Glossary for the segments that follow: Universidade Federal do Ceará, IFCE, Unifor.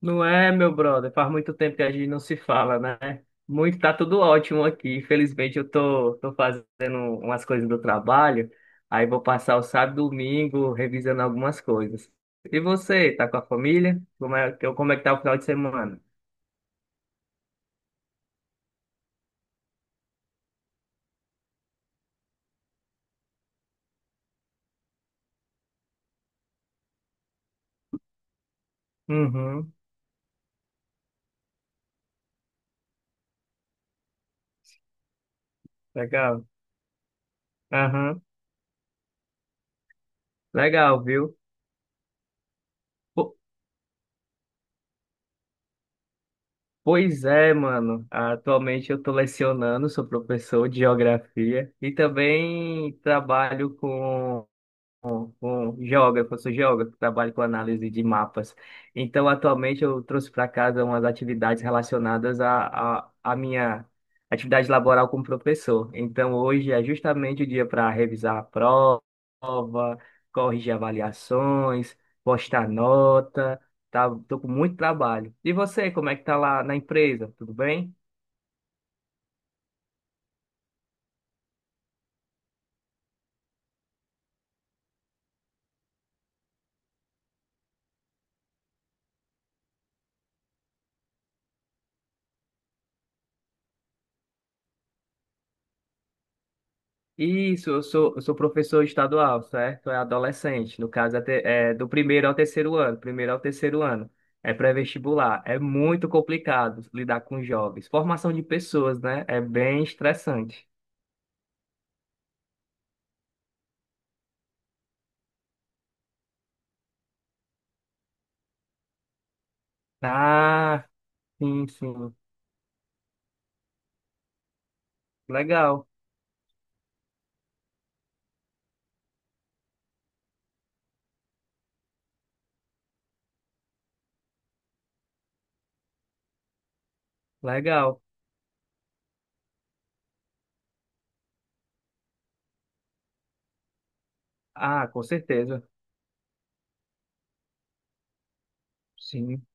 Não é, meu brother? Faz muito tempo que a gente não se fala, né? Muito, tá tudo ótimo aqui. Felizmente eu tô fazendo umas coisas do trabalho. Aí vou passar o sábado e domingo revisando algumas coisas. E você, tá com a família? Como é que tá o final de semana? Uhum, legal. Aham, legal, viu? Po- Pois é, mano. Atualmente eu tô lecionando, sou professor de geografia e também trabalho com um geógrafo, eu sou geógrafo, trabalho com análise de mapas. Então, atualmente, eu trouxe para casa umas atividades relacionadas à minha atividade laboral como professor. Então, hoje é justamente o dia para revisar a prova, corrigir avaliações, postar nota, tá? Tô com muito trabalho. E você, como é que tá lá na empresa? Tudo bem? Isso, eu sou professor estadual, certo? É adolescente, no caso é do primeiro ao terceiro ano, primeiro ao terceiro ano. É pré-vestibular. É muito complicado lidar com jovens. Formação de pessoas, né? É bem estressante. Ah, sim, sim. Legal, legal. Ah, com certeza. Sim.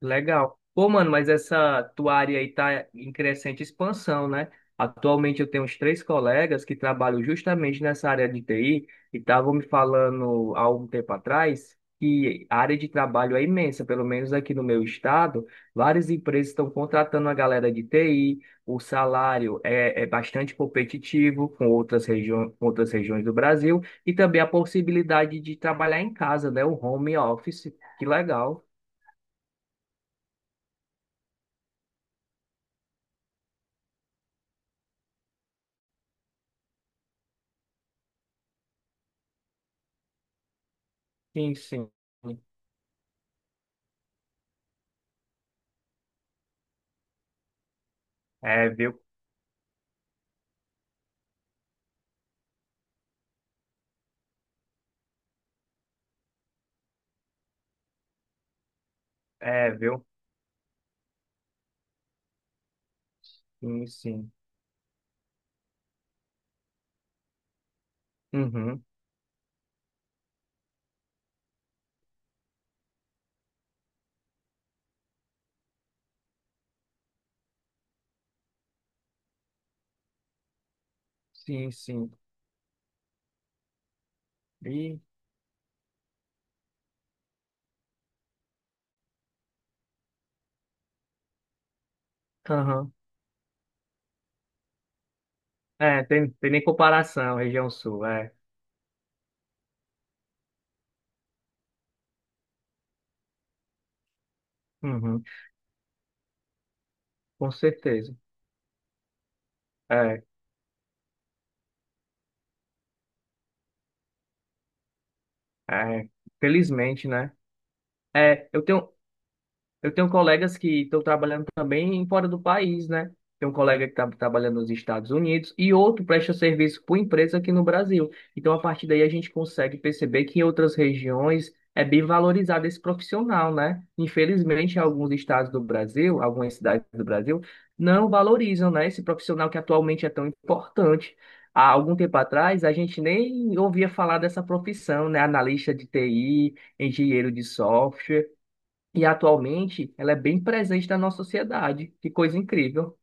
Legal. Pô, mano, mas essa tua área aí tá em crescente expansão, né? Atualmente eu tenho uns três colegas que trabalham justamente nessa área de TI e estavam me falando há um tempo atrás que a área de trabalho é imensa, pelo menos aqui no meu estado, várias empresas estão contratando a galera de TI, o salário é bastante competitivo com outras regiões do Brasil e também a possibilidade de trabalhar em casa, né? O home office. Que legal. Sim, sim. É, viu? É, viu? Sim, sim. Uhum. Sim, sim. E, aham. É, tem, tem nem comparação, região sul, é. Uhum. Com certeza. É, é. Felizmente, né? É, eu tenho, Eu tenho colegas que estão trabalhando também fora do país, né? Tem um colega que está trabalhando nos Estados Unidos e outro presta serviço por empresa aqui no Brasil. Então, a partir daí, a gente consegue perceber que em outras regiões é bem valorizado esse profissional, né? Infelizmente, alguns estados do Brasil, algumas cidades do Brasil, não valorizam, né, esse profissional que atualmente é tão importante. Há algum tempo atrás, a gente nem ouvia falar dessa profissão, né? Analista de TI, engenheiro de software. E atualmente ela é bem presente na nossa sociedade. Que coisa incrível.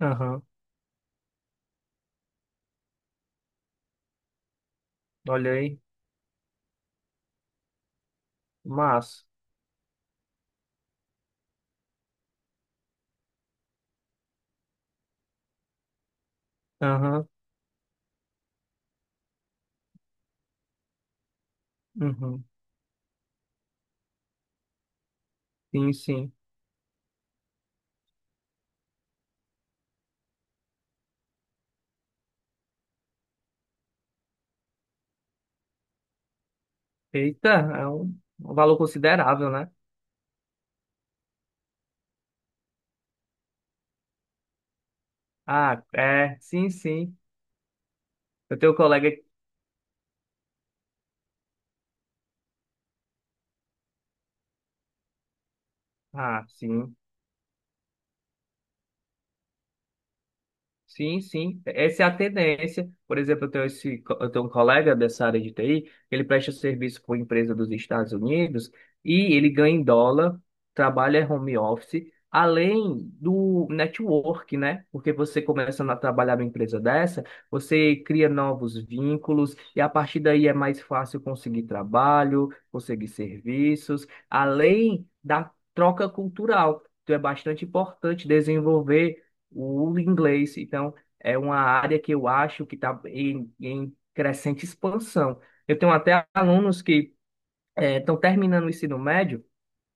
Aham, olha aí, massa. Aham, uhum, sim, sim. Eita, é um, um valor considerável, né? Ah, é, sim, sim. Eu tenho um colega. Ah, sim. Sim, sim. Essa é a tendência. Por exemplo, eu tenho um colega dessa área de TI, ele presta serviço para uma empresa dos Estados Unidos e ele ganha em dólar, trabalha home office, além do network, né? Porque você começa a trabalhar numa empresa dessa, você cria novos vínculos e a partir daí é mais fácil conseguir trabalho, conseguir serviços, além da troca cultural. Então é bastante importante desenvolver o inglês. Então, é uma área que eu acho que está em crescente expansão. Eu tenho até alunos que estão terminando o ensino médio,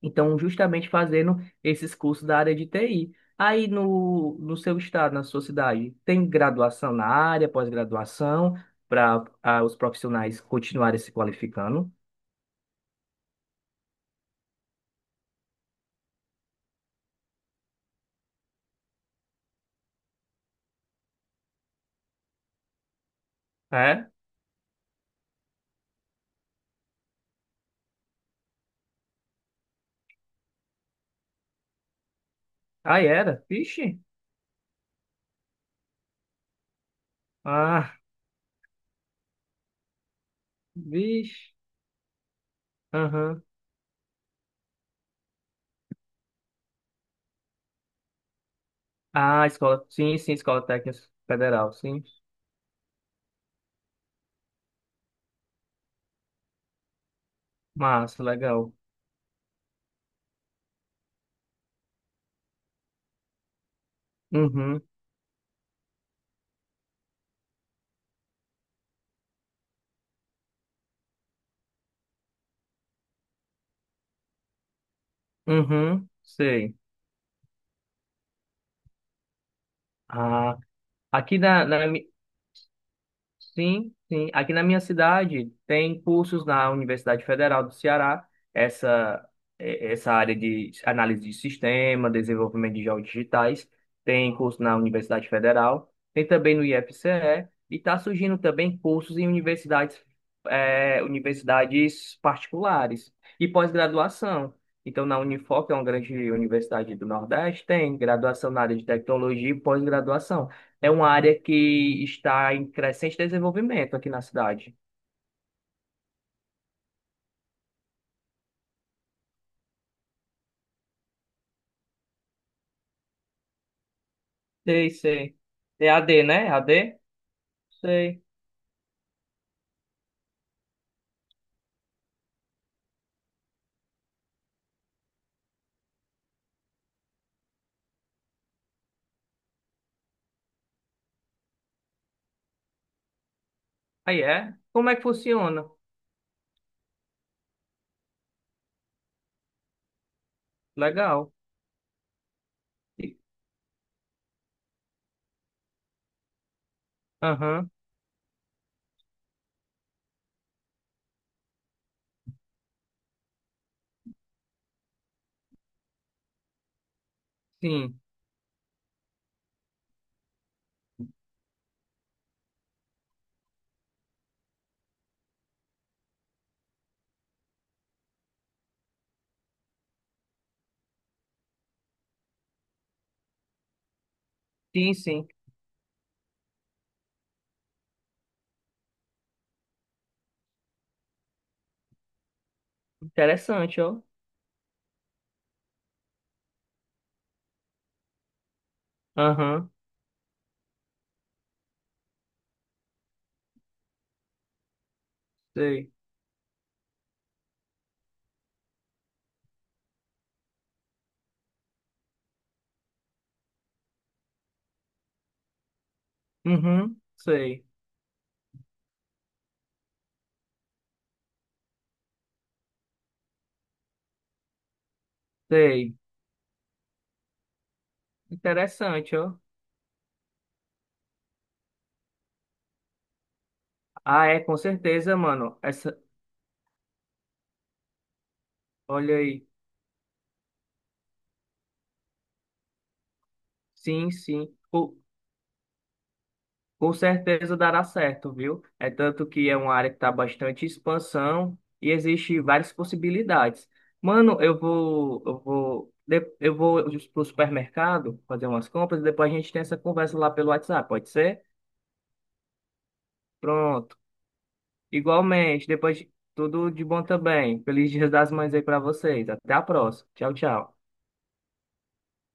então justamente fazendo esses cursos da área de TI. Aí no seu estado, na sua cidade, tem graduação na área, pós-graduação, para os profissionais continuarem se qualificando? É? Aí era. Vixe. Ah, vixe. Aham. Ah, escola. Sim, sim, escola técnica federal, sim. Massa, legal. Uhum, uhum, sei. Ah, aqui na, na, Sim, sim. Aqui na minha cidade tem cursos na Universidade Federal do Ceará, essa, essa área de análise de sistema, desenvolvimento de jogos digitais, tem curso na Universidade Federal, tem também no IFCE, e está surgindo também cursos em universidades, universidades particulares e pós-graduação. Então, na Unifor, que é uma grande universidade do Nordeste, tem graduação na área de tecnologia e pós-graduação é uma área que está em crescente desenvolvimento aqui na cidade. Sei, sei. É a D, né? A D? Sei. Aí é? Como é que funciona? Legal. E- Aham, sim. Sim, sim. Interessante, ó. Aham, sei. Uhum, sei. Sei. Interessante, ó. Ah, é, com certeza, mano. Essa, olha aí. Sim, sim. Com certeza dará certo, viu? É tanto que é uma área que está bastante em expansão e existe várias possibilidades. Mano, eu vou pro supermercado fazer umas compras e depois a gente tem essa conversa lá pelo WhatsApp, pode ser? Pronto. Igualmente, depois tudo de bom também. Feliz Dia das Mães aí para vocês. Até a próxima. Tchau, tchau.